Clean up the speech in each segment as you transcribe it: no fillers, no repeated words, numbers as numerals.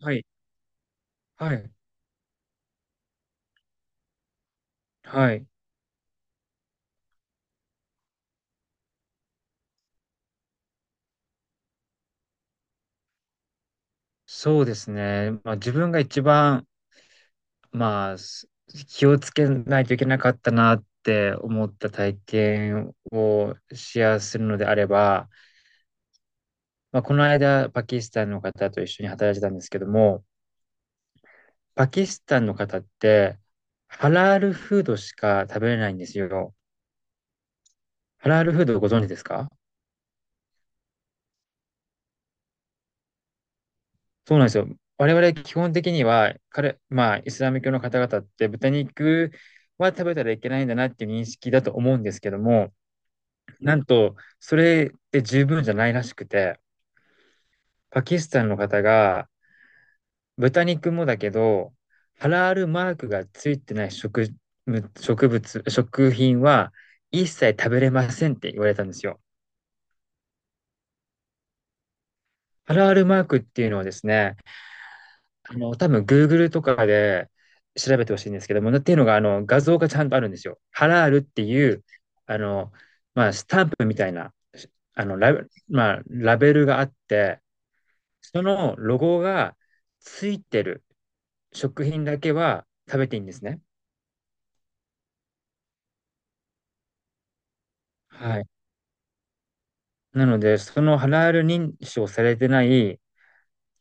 はい、はい、はい。そうですね。まあ自分が一番、まあ気をつけないといけなかったなって思った体験をシェアするのであれば、まあこの間パキスタンの方と一緒に働いてたんですけども、パキスタンの方ってハラールフードしか食べれないんですよ。ハラールフードご存知ですか？そうなんですよ。我々基本的には、まあ、イスラム教の方々って豚肉は食べたらいけないんだなっていう認識だと思うんですけども、なんと、それで十分じゃないらしくて、パキスタンの方が豚肉もだけど、ハラールマークがついてない食、植物、食品は一切食べれませんって言われたんですよ。ハラールマークっていうのはですね、多分 Google とかで調べてほしいんですけども、っていうのが、画像がちゃんとあるんですよ。ハラールっていう、あの、まあ、スタンプみたいな、あの、ラベ、まあ、ラベルがあって、そのロゴがついてる食品だけは食べていいんですね。はい。なので、そのハラール認証されてない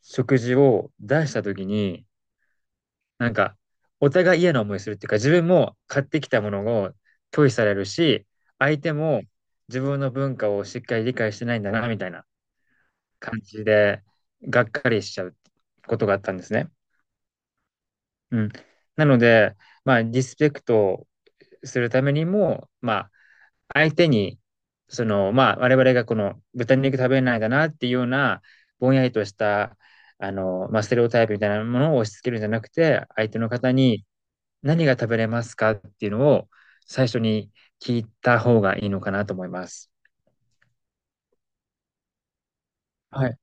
食事を出したときに、なんか、お互い嫌な思いするっていうか、自分も買ってきたものを拒否されるし、相手も自分の文化をしっかり理解してないんだな、みたいな感じで、がっかりしちゃうことがあったんですね。うん。なので、まあ、リスペクトするためにも、まあ、相手に、その、まあ、我々がこの豚肉食べないんだなっていうような、ぼんやりとした、まあ、ステレオタイプみたいなものを押し付けるんじゃなくて、相手の方に、何が食べれますかっていうのを最初に聞いた方がいいのかなと思います。はい。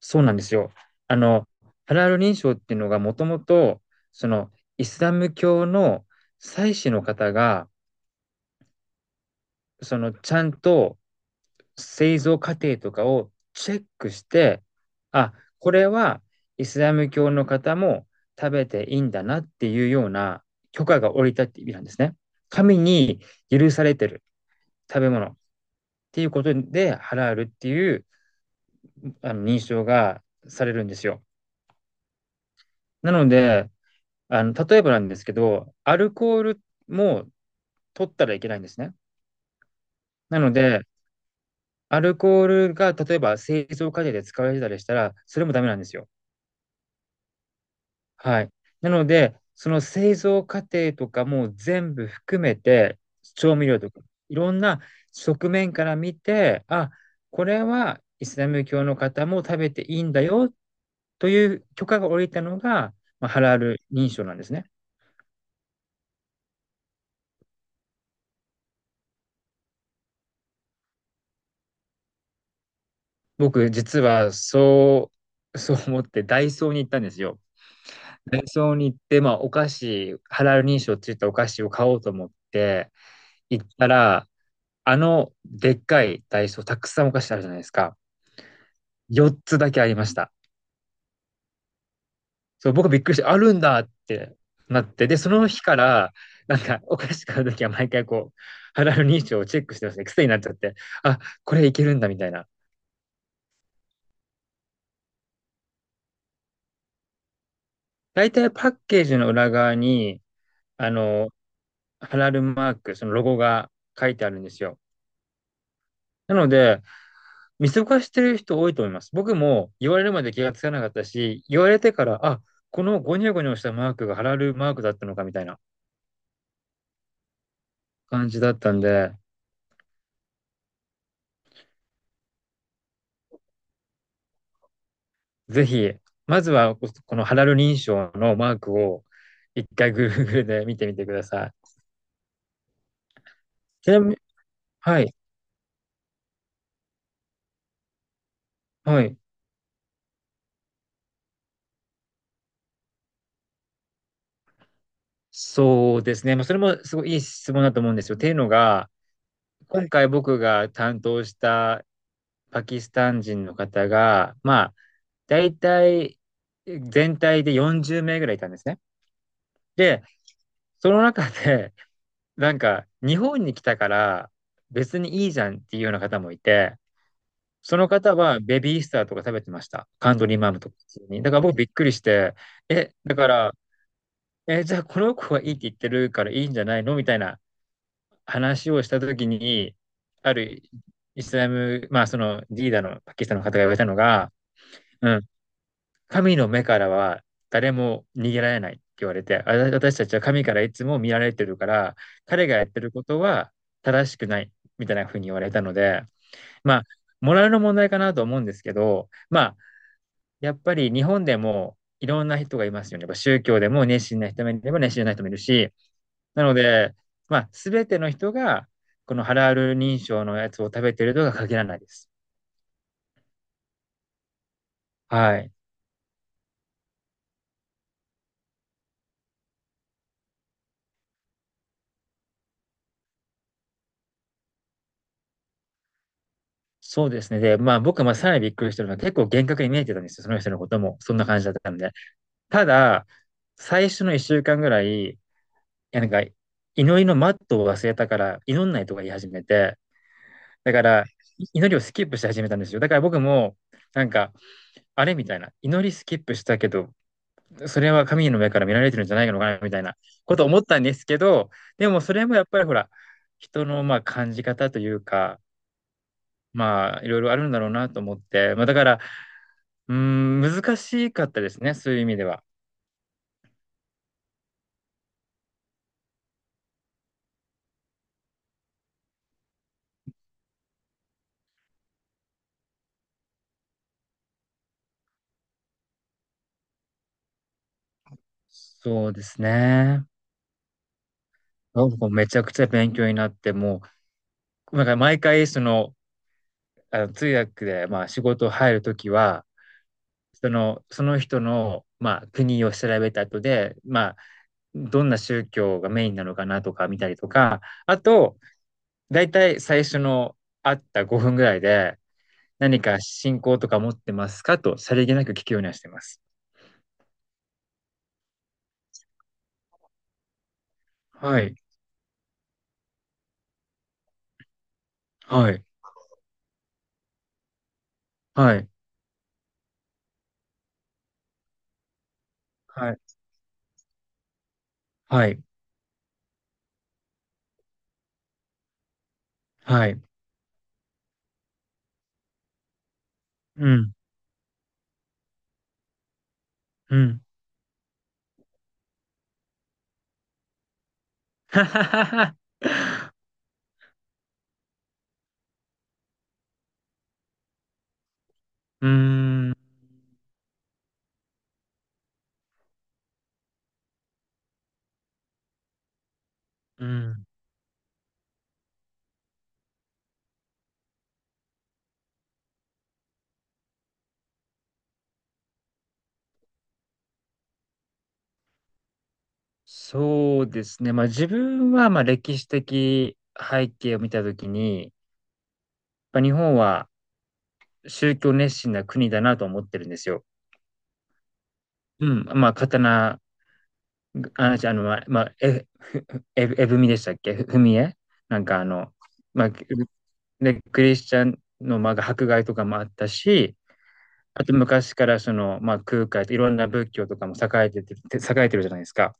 そうなんですよ。あの、ハラール認証っていうのがもともと、そのイスラム教の祭司の方が、そのちゃんと製造過程とかをチェックして、あ、これはイスラム教の方も食べていいんだなっていうような許可が下りたって意味なんですね。神に許されてる食べ物。っていうことで、ハラールっていうあの認証がされるんですよ。なので、例えばなんですけど、アルコールも取ったらいけないんですね。なので、アルコールが例えば製造過程で使われてたりしたら、それもダメなんですよ。はい。なので、その製造過程とかも全部含めて、調味料とか、いろんな側面から見て、あ、これはイスラム教の方も食べていいんだよという許可が下りたのが、まあ、ハラール認証なんですね。僕、実はそう、そう思ってダイソーに行ったんですよ。ダイソーに行って、まあ、お菓子、ハラール認証って言ったお菓子を買おうと思って行ったら、でっかいダイソー、たくさんお菓子あるじゃないですか。4つだけありました。そう、僕びっくりして、あるんだってなって、で、その日から、なんか、お菓子買うときは毎回こう、肌の認証をチェックしてますね。癖になっちゃって、あ、これいけるんだ、みたいな。大体パッケージの裏側に、あの、ハラルマーク、そのロゴが書いてあるんですよ。なので、見過ごしてる人多いと思います。僕も言われるまで気がつかなかったし、言われてから、あ、このゴニョゴニョしたマークがハラルマークだったのかみたいな感じだったんで、ぜひ、まずはこのハラル認証のマークを一回 Google で見てみてください。ちなみに、はい、はい。そうですね。まあ、それもすごいいい質問だと思うんですよ。っていうのが、今回僕が担当したパキスタン人の方が、まあ、大体全体で40名ぐらいいたんですね。で、その中で、なんか日本に来たから別にいいじゃんっていうような方もいて、その方はベビースターとか食べてました。カントリーマームとか普通に。だから僕びっくりして、え、だから、え、じゃあこの子はいいって言ってるからいいんじゃないのみたいな話をしたときに、あるイスラム、まあそのリーダーのパキスタンの方が言われたのが、うん、神の目からは誰も逃げられないって言われて、あ、私たちは神からいつも見られてるから、彼がやってることは正しくないみたいなふうに言われたので、まあ、モラルの問題かなと思うんですけど、まやっぱり日本でもいろんな人がいますよね。やっぱ宗教でも熱心な人もいれば熱心じゃない人もいるし、なので、まあ、すべての人が、このハラール認証のやつを食べてるとは限らないです。はい。そうですね。で、まあ、僕もさらにびっくりしたのは、結構厳格に見えてたんですよ。その人のことも。そんな感じだったんで。ただ、最初の一週間ぐらい、いやなんか、祈りのマットを忘れたから、祈んないとか言い始めて、だから、祈りをスキップし始めたんですよ。だから僕も、なんか、あれみたいな。祈りスキップしたけど、それは神の目から見られてるんじゃないのかなみたいなこと思ったんですけど、でもそれもやっぱりほら、人のまあ感じ方というか、まあいろいろあるんだろうなと思って、まあだから、うーん、難しかったですね、そういう意味では。そうですね。なんかめちゃくちゃ勉強になって、もう、なんか毎回その、あの通訳でまあ仕事入るときは、その人の、まあ、国を調べた後で、まどんな宗教がメインなのかなとか見たりとか、あと、だいたい最初の会った5分ぐらいで、何か信仰とか持ってますかと、さりげなく聞くようにはしてます。はい、はい、はい、はい、はい、はい、うん、うん。ははははうーん、うん。そうですね。まあ自分は、まあ歴史的背景を見たときに、やっぱ日本は宗教熱心な国だなと思ってるんですよ。うん、まあ、刀あの、じあの、ま、ま、え、え、えぶみでしたっけふふみえなんかまあ、で、クリスチャンの、まあ、迫害とかもあったし、あと昔からその、まあ、空海といろんな仏教とかも栄えてて、栄えてるじゃないですか。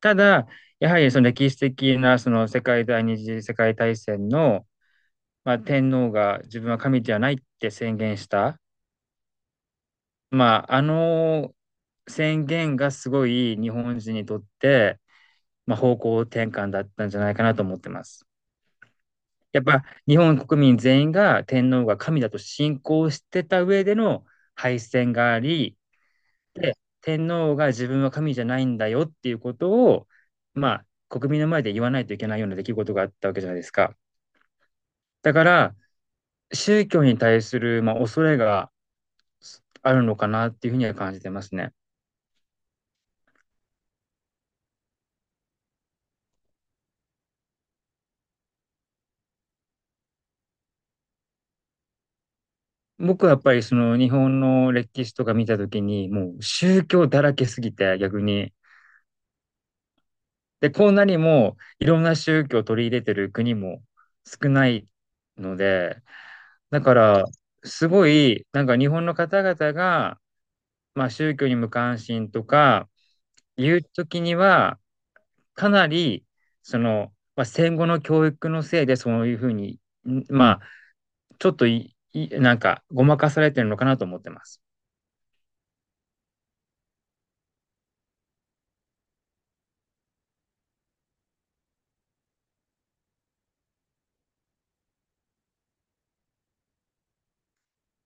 ただ、やはりその歴史的なその世界第二次世界大戦の、まあ、天皇が自分は神ではないって宣言した、まあ、あの宣言がすごい日本人にとってまあ、方向転換だったんじゃないかなと思ってます。やっぱ日本国民全員が天皇が神だと信仰してた上での敗戦があり、で、天皇が自分は神じゃないんだよっていうことを、ま国民の前で言わないといけないような出来事があったわけじゃないですか。だから、宗教に対する、恐れがあるのかなっていうふうには感じてますね。僕はやっぱりその日本の歴史とか見たときに、もう宗教だらけすぎて逆に、で、こんなにもいろんな宗教を取り入れてる国も少ないので、だから、すごい、なんか日本の方々が、宗教に無関心とかいう時には、かなり、その、戦後の教育のせいでそういうふうに、まあ、ちょっとなんか、ごまかされてるのかなと思ってます。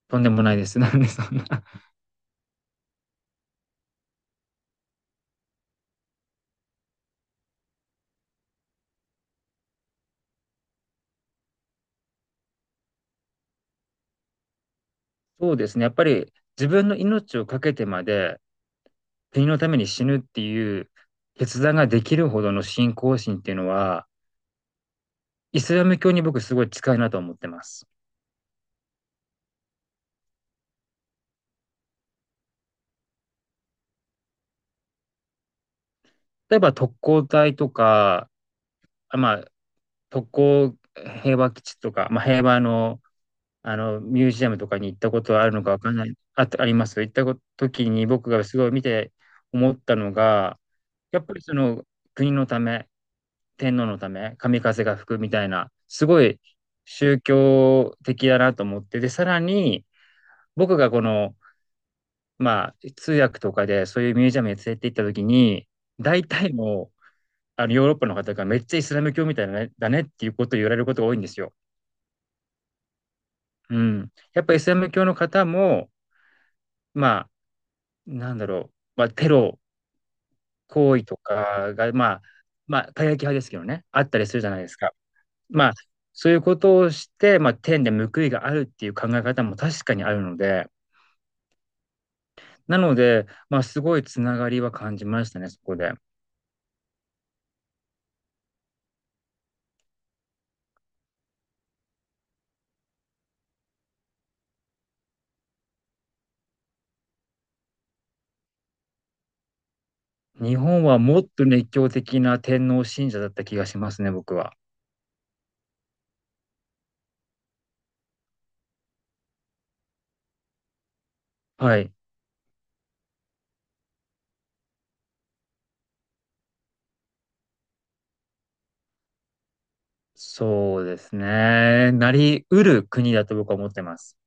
とんでもないです。なんでそんな。そうですね。やっぱり自分の命をかけてまで、国のために死ぬっていう決断ができるほどの信仰心っていうのは、イスラム教に僕すごい近いなと思ってます。例えば特攻隊とか、あまあ、特攻平和基地とか、平和の、あのミュージアムとかに行ったことはあるのかわかんない、あ、あります行ったこ時に僕がすごい見て思ったのが、やっぱりその国のため、天皇のため、神風が吹くみたいな、すごい宗教的だなと思って、で、さらに、僕がこの、通訳とかでそういうミュージアムに連れて行った時に、大体の、あのヨーロッパの方がめっちゃイスラム教みたいだねだねっていうことを言われることが多いんですよ。うん。やっぱイスラム教の方も、まあ、なんだろう、テロ行為とかが、過激派ですけどね、あったりするじゃないですか。まあ、そういうことをして、天で報いがあるっていう考え方も確かにあるので、なので、すごいつながりは感じましたね、そこで。日本はもっと熱狂的な天皇信者だった気がしますね、僕は。はい。そうですね。なりうる国だと僕は思ってます。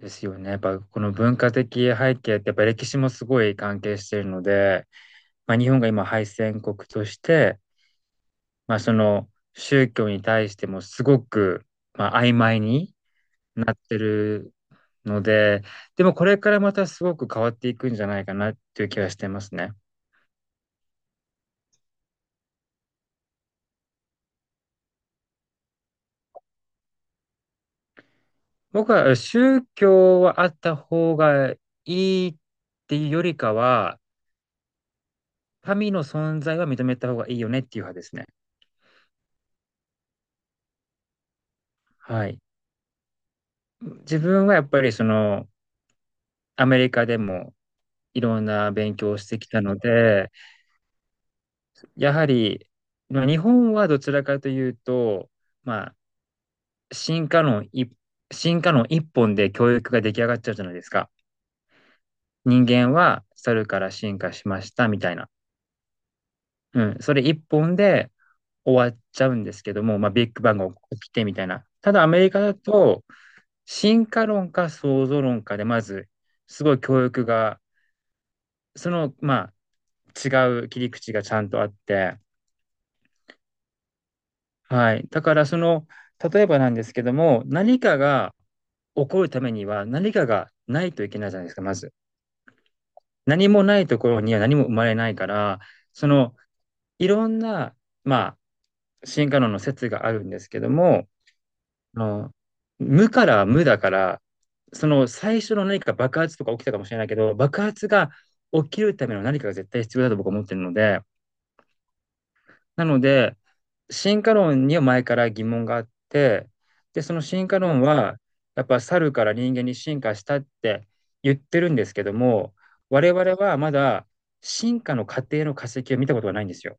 ですよね。やっぱこの文化的背景ってやっぱ歴史もすごい関係しているので、日本が今敗戦国として、その宗教に対してもすごく、曖昧になってるので、でもこれからまたすごく変わっていくんじゃないかなっていう気がしてますね。僕は宗教はあった方がいいっていうよりかは、神の存在は認めた方がいいよねっていう派ですね。はい。自分はやっぱりその、アメリカでもいろんな勉強をしてきたので、やはり、日本はどちらかというと、まあ、進化論一、進化論一本で教育が出来上がっちゃうじゃないですか。人間は猿から進化しましたみたいな。うん、それ一本で終わっちゃうんですけども、ビッグバンが起きてみたいな。ただアメリカだと、進化論か創造論かで、まず、すごい教育が、その、違う切り口がちゃんとあって、はい。だから、その、例えばなんですけども、何かが起こるためには、何かがないといけないじゃないですか、まず。何もないところには何も生まれないから、その、いろんな、まあ、進化論の説があるんですけども、あの、無から無だから、その最初の何か爆発とか起きたかもしれないけど、爆発が起きるための何かが絶対必要だと僕は思ってるので、なので、進化論には前から疑問があって、で、その進化論は、やっぱ猿から人間に進化したって言ってるんですけども、我々はまだ進化の過程の化石を見たことがないんですよ。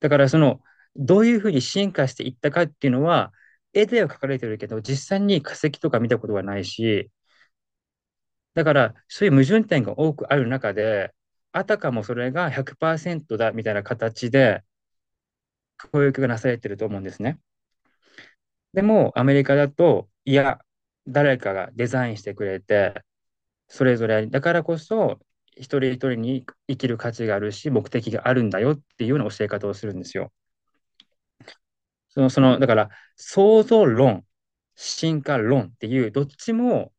だからその、どういうふうに進化していったかっていうのは、絵では描かれてるけど、実際に化石とか見たことはないし、だからそういう矛盾点が多くある中で、あたかもそれが100%だみたいな形で教育がなされてると思うんですね。でもアメリカだと、いや、誰かがデザインしてくれて、それぞれだからこそ一人一人に生きる価値があるし、目的があるんだよっていうような教え方をするんですよ。だから、創造論、進化論っていう、どっちも、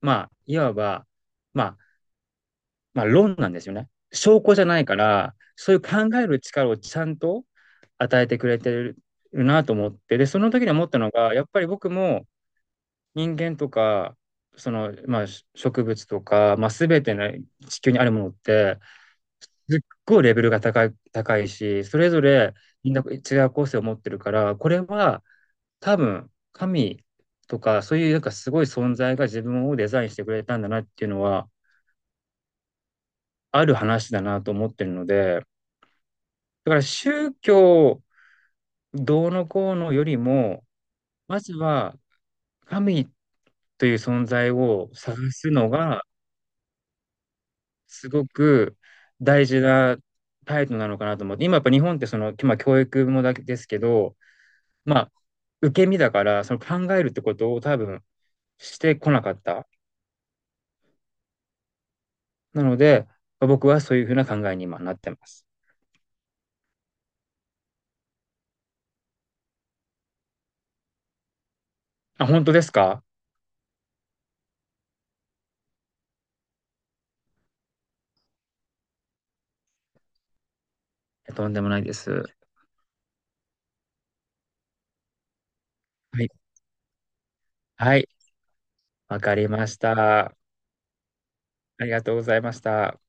まあ、いわば、まあ、まあ、論なんですよね。証拠じゃないから、そういう考える力をちゃんと与えてくれてるなと思って、で、その時に思ったのが、やっぱり僕も人間とか、その、植物とか、全ての地球にあるものって、すっごいレベルが高い、高いし、それぞれみんな違う個性を持ってるから、これは多分、神とか、そういうなんかすごい存在が自分をデザインしてくれたんだなっていうのは、ある話だなと思ってるので、だから宗教どうのこうのよりも、まずは神という存在を探すのが、すごく大事な態度なのかなと思って、今やっぱ日本ってその、今教育もだけですけど、まあ、受け身だから、その考えるってことを多分してこなかった。なので、僕はそういうふうな考えに今なってます。あ、本当ですか。とんでもないです。はい。はい。わかりました。ありがとうございました。